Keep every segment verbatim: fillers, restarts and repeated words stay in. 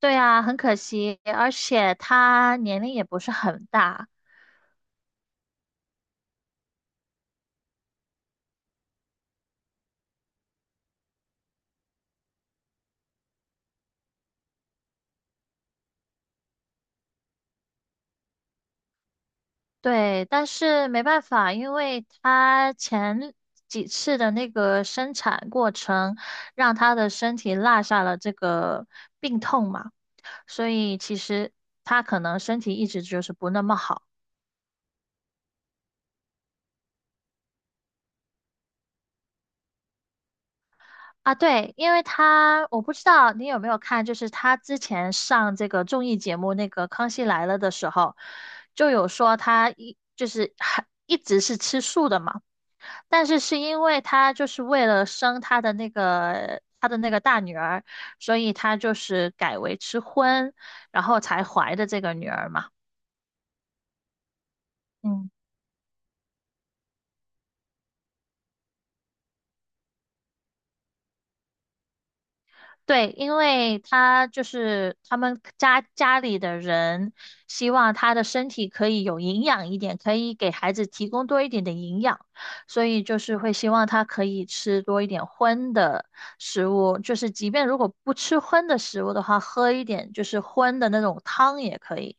对啊，很可惜，而且他年龄也不是很大。对，但是没办法，因为他前几次的那个生产过程，让他的身体落下了这个病痛嘛，所以其实他可能身体一直就是不那么好啊。对，因为他，我不知道你有没有看，就是他之前上这个综艺节目那个《康熙来了》的时候，就有说他一就是很一直是吃素的嘛。但是是因为他就是为了生他的那个他的那个大女儿，所以他就是改为吃荤，然后才怀的这个女儿嘛。嗯，对，因为他就是他们家家里的人希望他的身体可以有营养一点，可以给孩子提供多一点的营养，所以就是会希望他可以吃多一点荤的食物，就是即便如果不吃荤的食物的话，喝一点就是荤的那种汤也可以。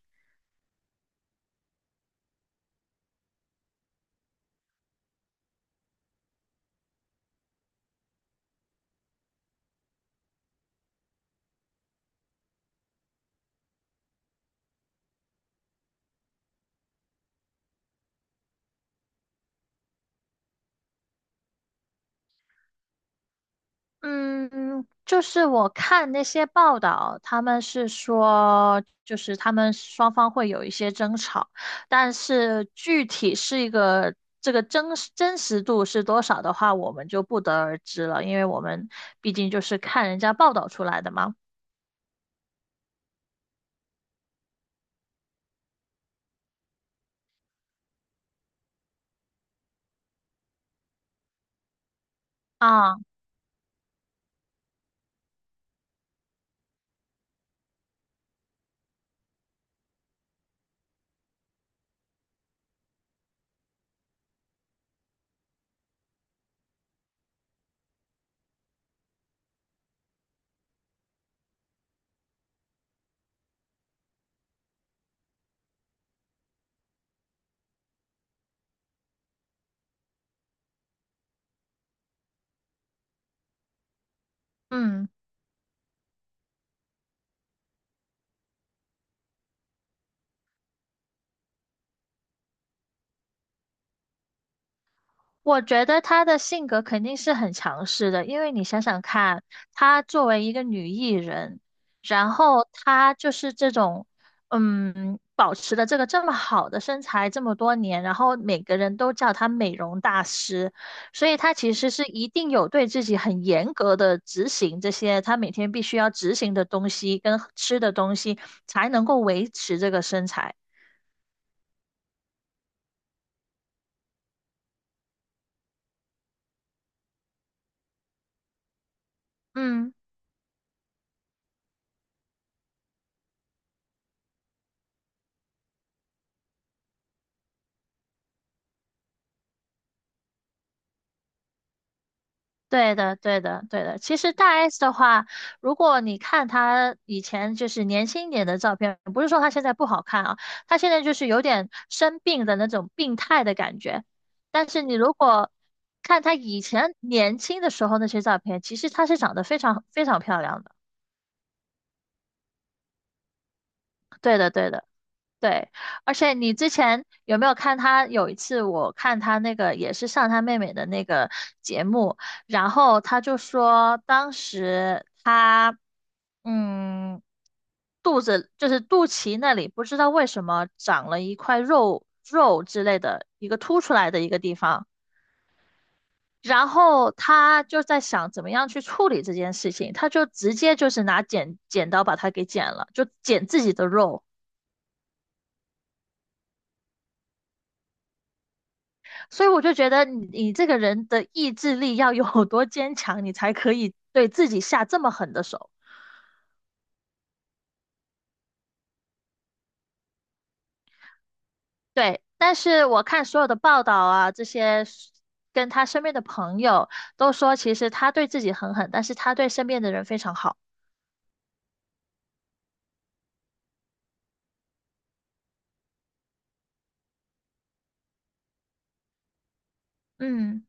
嗯，就是我看那些报道，他们是说，就是他们双方会有一些争吵，但是具体是一个这个真实真实度是多少的话，我们就不得而知了，因为我们毕竟就是看人家报道出来的嘛。啊，嗯。我觉得她的性格肯定是很强势的，因为你想想看，她作为一个女艺人，然后她就是这种，嗯，保持的这个这么好的身材这么多年，然后每个人都叫她美容大师，所以她其实是一定有对自己很严格的执行这些她每天必须要执行的东西跟吃的东西，才能够维持这个身材。嗯。对的，对的，对的。其实大 S 的话，如果你看她以前就是年轻一点的照片，不是说她现在不好看啊，她现在就是有点生病的那种病态的感觉。但是你如果看她以前年轻的时候那些照片，其实她是长得非常非常漂亮的。对的，对的。对，而且你之前有没有看他？有一次我看他那个也是上他妹妹的那个节目，然后他就说当时他嗯肚子就是肚脐那里不知道为什么长了一块肉肉之类的一个凸出来的一个地方，然后他就在想怎么样去处理这件事情，他就直接就是拿剪剪刀把它给剪了，就剪自己的肉。所以我就觉得你你这个人的意志力要有多坚强，你才可以对自己下这么狠的手。对，但是我看所有的报道啊，这些跟他身边的朋友都说，其实他对自己很狠，但是他对身边的人非常好。嗯。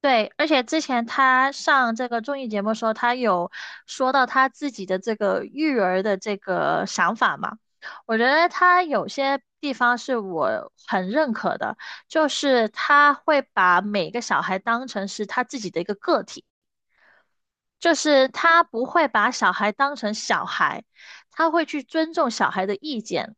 对，而且之前他上这个综艺节目的时候，他有说到他自己的这个育儿的这个想法嘛。我觉得他有些地方是我很认可的，就是他会把每个小孩当成是他自己的一个个体，就是他不会把小孩当成小孩，他会去尊重小孩的意见。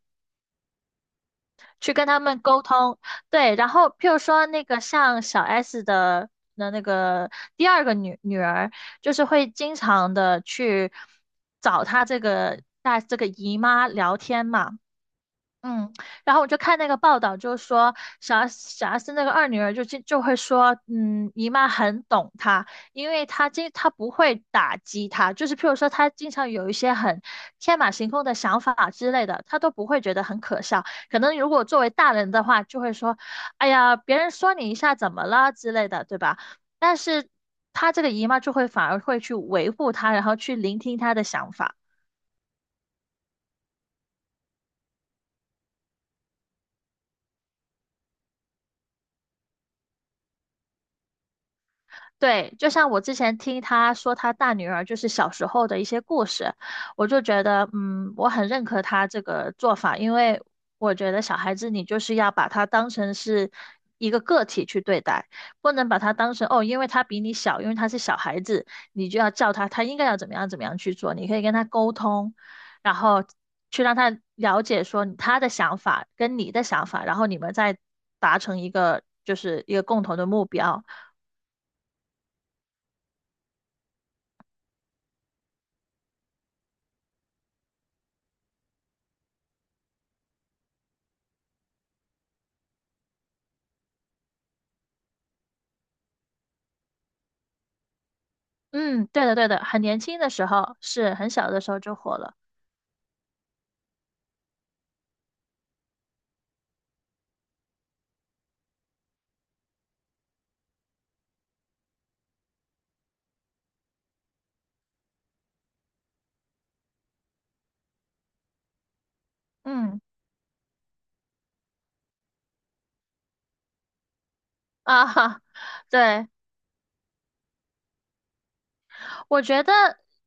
去跟他们沟通。对，然后譬如说那个像小 S 的那那个第二个女女儿，就是会经常的去找她这个大这个姨妈聊天嘛。嗯，然后我就看那个报道，就说小 S 小 S 那个二女儿就就就会说，嗯，姨妈很懂她，因为她经她不会打击她，就是譬如说她经常有一些很天马行空的想法之类的，她都不会觉得很可笑。可能如果作为大人的话，就会说，哎呀，别人说你一下怎么了之类的，对吧？但是她这个姨妈就会反而会去维护她，然后去聆听她的想法。对，就像我之前听她说她大女儿就是小时候的一些故事，我就觉得，嗯，我很认可她这个做法，因为我觉得小孩子你就是要把他当成是一个个体去对待，不能把他当成哦，因为他比你小，因为他是小孩子，你就要叫他他应该要怎么样怎么样去做，你可以跟他沟通，然后去让他了解说他的想法跟你的想法，然后你们再达成一个就是一个共同的目标。嗯，对的，对的，很年轻的时候，是很小的时候就火了。嗯。啊哈，对，我觉得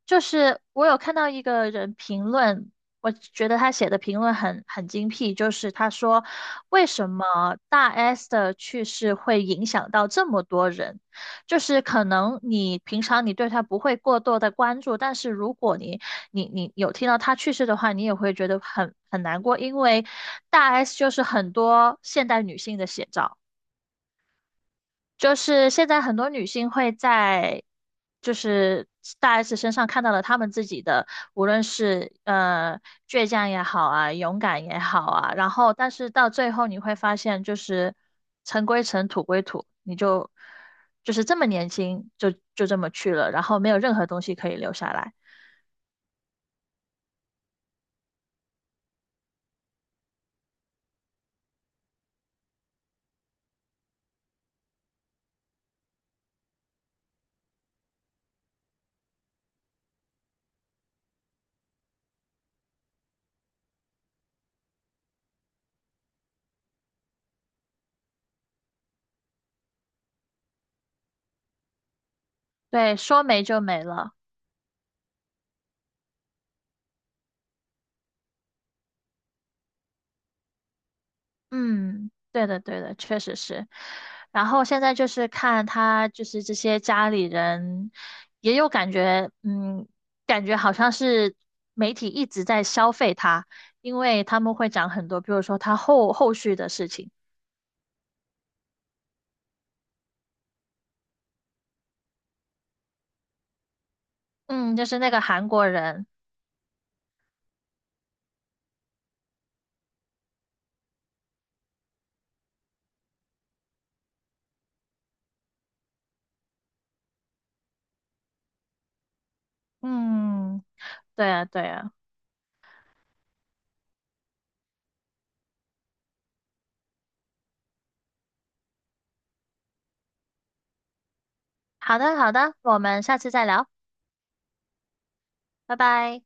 就是我有看到一个人评论，我觉得他写的评论很很精辟，就是他说为什么大 S 的去世会影响到这么多人，就是可能你平常你对他不会过多的关注，但是如果你你你有听到他去世的话，你也会觉得很很难过，因为大 S 就是很多现代女性的写照。就是现在很多女性会在就是大 S 身上看到了她们自己的，无论是呃倔强也好啊，勇敢也好啊，然后但是到最后你会发现，就是尘归尘，土归土，你就就是这么年轻就就这么去了，然后没有任何东西可以留下来。对，说没就没了。嗯，对的，对的，确实是。然后现在就是看他，就是这些家里人也有感觉，嗯，感觉好像是媒体一直在消费他，因为他们会讲很多，比如说他后后续的事情，嗯，就是那个韩国人。嗯，对啊，对啊。好的，好的，我们下次再聊。拜拜。